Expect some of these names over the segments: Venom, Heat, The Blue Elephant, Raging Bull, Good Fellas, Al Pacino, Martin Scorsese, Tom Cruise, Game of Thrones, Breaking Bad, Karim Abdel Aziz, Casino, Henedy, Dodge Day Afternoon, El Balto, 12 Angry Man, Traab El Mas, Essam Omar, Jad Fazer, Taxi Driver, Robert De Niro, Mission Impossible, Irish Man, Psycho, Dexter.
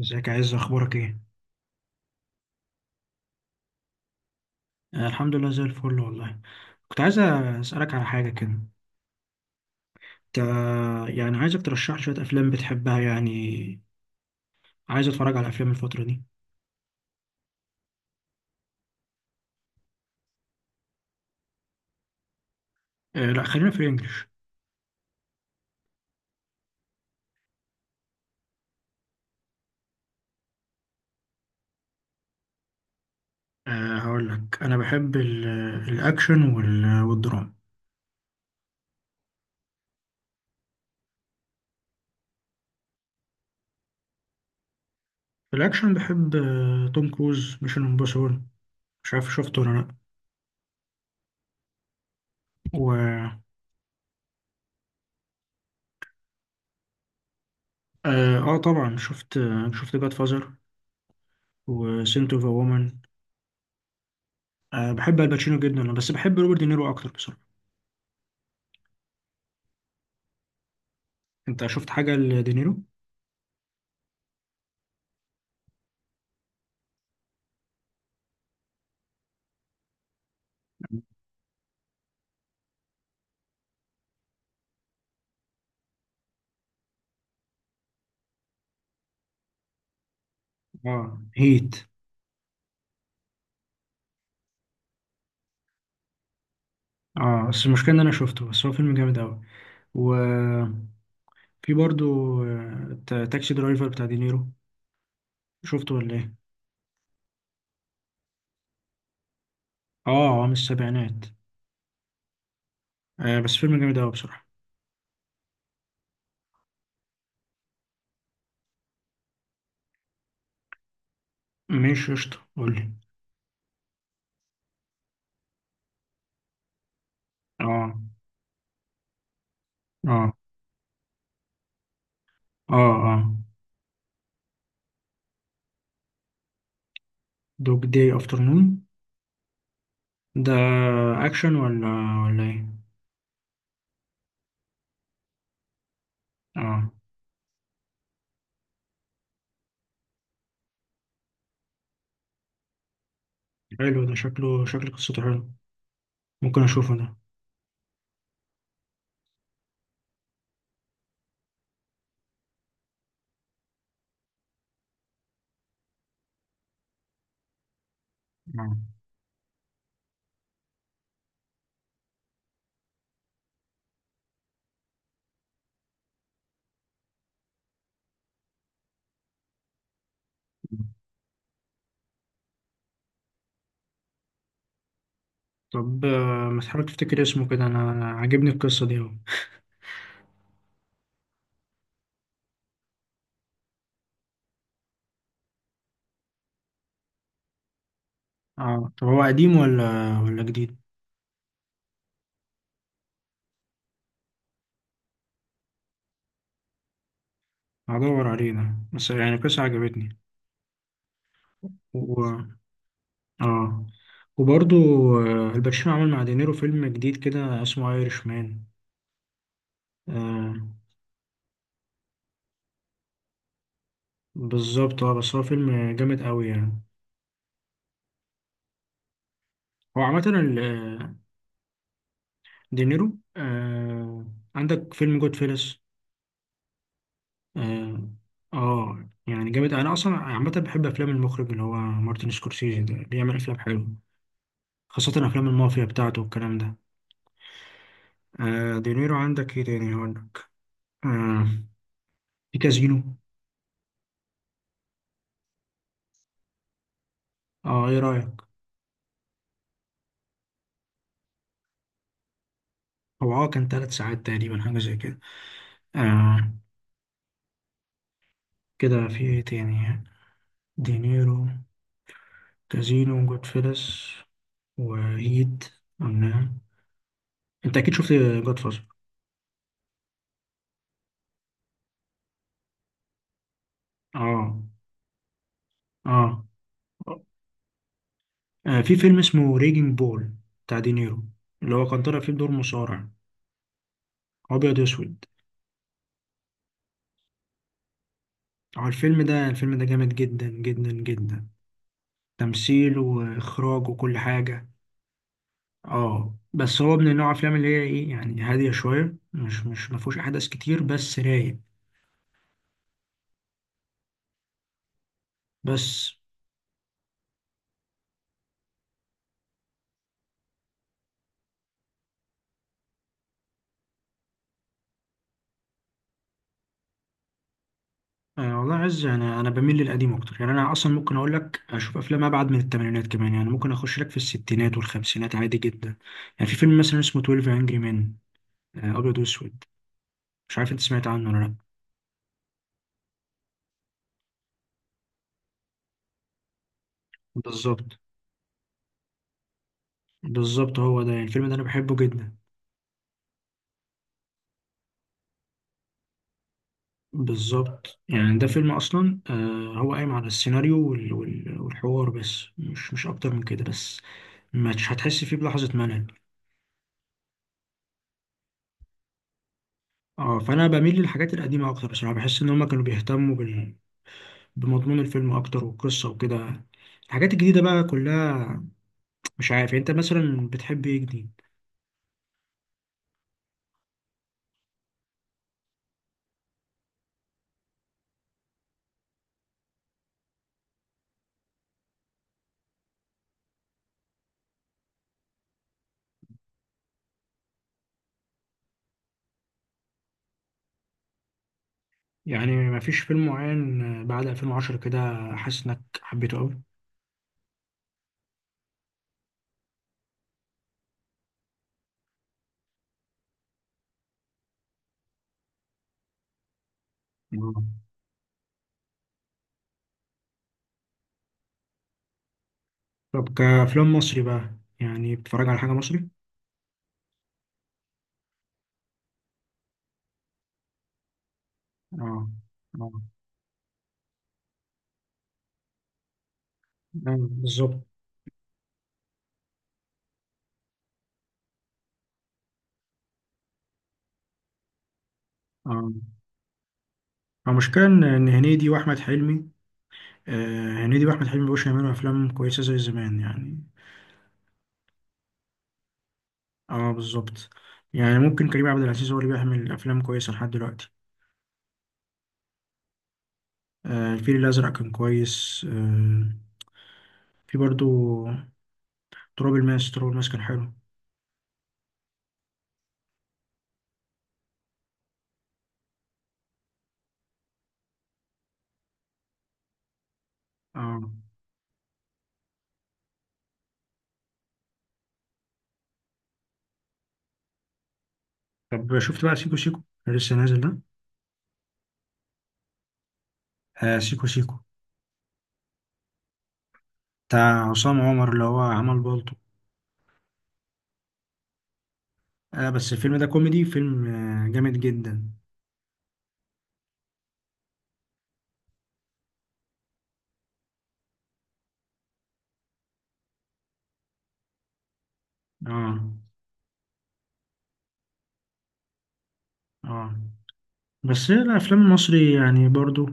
ازيك يا عز، اخبارك ايه؟ الحمد لله زي الفل والله. كنت عايز اسالك على حاجه كده. انت يعني عايزك ترشح لي شويه افلام بتحبها، يعني عايز اتفرج على افلام الفتره دي. لا، خلينا في الانجليش. هقول لك انا بحب الاكشن والدراما. في الاكشن بحب توم كروز، ميشن امبوسيبل. مش عارف شفته ولا لا. و اه، طبعا شفت، شفت جاد فازر وسنت اوف وومن. بحب الباتشينو جدا بس بحب روبرت دينيرو اكتر بصراحه. انت شفت حاجه لدينيرو؟ اه، هيت. اه بس المشكله ان انا شفته، بس هو فيلم جامد قوي. وفي برضو، تاكسي درايفر بتاع دينيرو، شفته ولا ايه؟ اه، هو من السبعينات. بس فيلم جامد قوي بصراحه. ماشي، قشطه، قول لي. اه، اه، اه، اه، دوج داي افترنون ده اكشن ولا ايه؟ اه، حلو، ده شكله شكل قصته حلو، ممكن اشوفه ده. آه. طب ما تحاول تفتكر اسمه كده، أنا عاجبني القصه دي أوي. اه، طب هو قديم ولا جديد؟ هدور عليه ده، بس يعني قصة عجبتني. و... اه. وبرضو الباتشينو عمل مع دينيرو فيلم جديد كده اسمه ايرش مان. آه بالظبط. اه بس هو فيلم جامد قوي يعني. هو عامة دينيرو. عندك فيلم جود فيلس. اه، يعني جامد. انا اصلا عامة بحب افلام المخرج اللي هو مارتن سكورسيزي، ده بيعمل افلام حلوة خاصة افلام المافيا بتاعته والكلام ده. دينيرو، عندك ايه تاني هقول لك. آه في كازينو. اه، ايه رأيك؟ هو كان 3 ساعات تقريبا، حاجة زي كده. آه كده، في ايه تاني؟ دينيرو، كازينو، جود فيلس، وهيد، قلنا. انت اكيد شفت جود فازر. اه، اه. في فيلم اسمه ريجينج بول بتاع دينيرو، اللي هو كان طالع فيه بدور مصارع ابيض واسود. هو الفيلم ده جامد جدا جدا جدا، تمثيل واخراج وكل حاجة. اه بس هو من النوع افلام اللي هي ايه يعني، هاديه شويه، مش ما فيهوش احداث كتير بس رايق. بس، والله يا عز، انا بميل للقديم اكتر. يعني انا اصلا ممكن اقول لك اشوف افلام ابعد من الثمانينات كمان، يعني ممكن اخش لك في الستينات والخمسينات عادي جدا. يعني في فيلم مثلا اسمه 12 انجري مان، ابيض واسود، مش عارف انت سمعت عنه ولا لا. بالظبط، بالظبط، هو ده، يعني الفيلم ده انا بحبه جدا. بالظبط، يعني ده فيلم اصلا هو قايم على السيناريو والحوار، بس مش اكتر من كده، بس مش هتحس فيه بلحظة ملل. اه، فأنا بميل للحاجات القديمة أكتر بصراحة، بحس إن هما كانوا بيهتموا بمضمون الفيلم أكتر والقصة وكده. الحاجات الجديدة بقى كلها، مش عارف، يعني أنت مثلا بتحب إيه جديد؟ يعني مفيش فيلم معين بعد 2010 كده حاسس إنك حبيته أوي؟ آه. طب كأفلام مصري بقى، يعني بتتفرج على حاجة مصري؟ اه، اه، بالظبط. اه. المشكلة إن هنيدي وأحمد حلمي، هنيدي وأحمد حلمي مبقوش يعملوا أفلام كويسة زي زمان يعني. اه، بالظبط. يعني ممكن كريم عبد العزيز هو اللي بيعمل افلام كويسه لحد دلوقتي. الفيل الازرق كان كويس. في برضو تراب الماس كان حلو. اه، طب شفت بقى سيكو سيكو اللي لسه نازل ده؟ سيكو سيكو بتاع عصام عمر اللي هو عمل بالطو. بس الفيلم ده كوميدي، فيلم جامد جدا. اه، اه. بس هي الافلام المصري يعني برضو،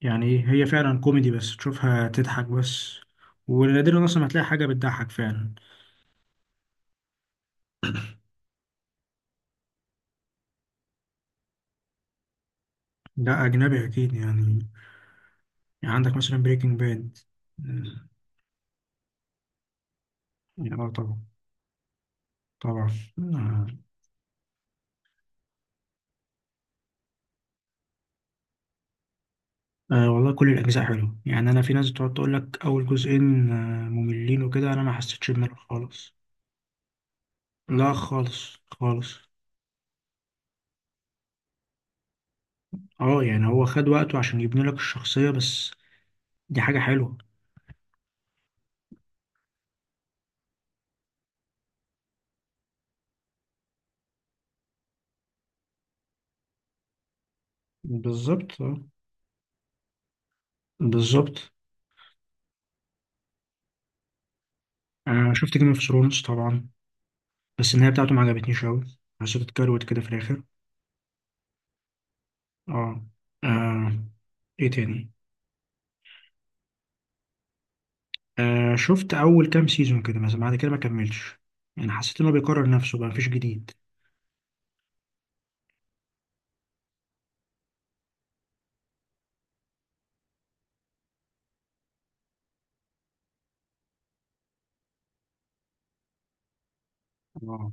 يعني إيه، هي فعلا كوميدي، بس تشوفها تضحك بس، ونادرا اصلا ما تلاقي حاجه بتضحك فعلا. ده أجنبي أكيد يعني. يعني عندك مثلا بريكنج باد. يعني طبعا، طبعا. آه. والله كل الأجزاء حلوة، يعني أنا في ناس بتقعد تقول لك أول جزئين مملين وكده، أنا ما حسيتش بملل خالص. لا، خالص خالص. اه، يعني هو خد وقته عشان يبني لك الشخصية، بس دي حاجة حلوة. بالظبط، اه، بالظبط. أنا شفت جيم اوف ثرونز طبعا، بس النهاية بتاعته ما عجبتنيش أوي، حسيت اتكروت كده في الآخر. اه. آه، ايه تاني؟ شفت اول كام سيزون كده مثلا، بعد كده ما كملتش، يعني حسيت انه بيكرر نفسه بقى مفيش جديد. اه،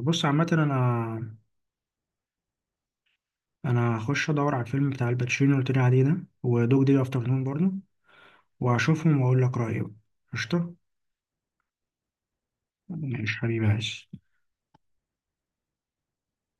بص عامة انا هخش ادور على الفيلم بتاع الباتشينو اللي قلت لي عليه ده، ودوج دي افتر نون برضه، وهشوفهم واقول لك رأيي بقى. قشطة. ماشي حبيبي، عايز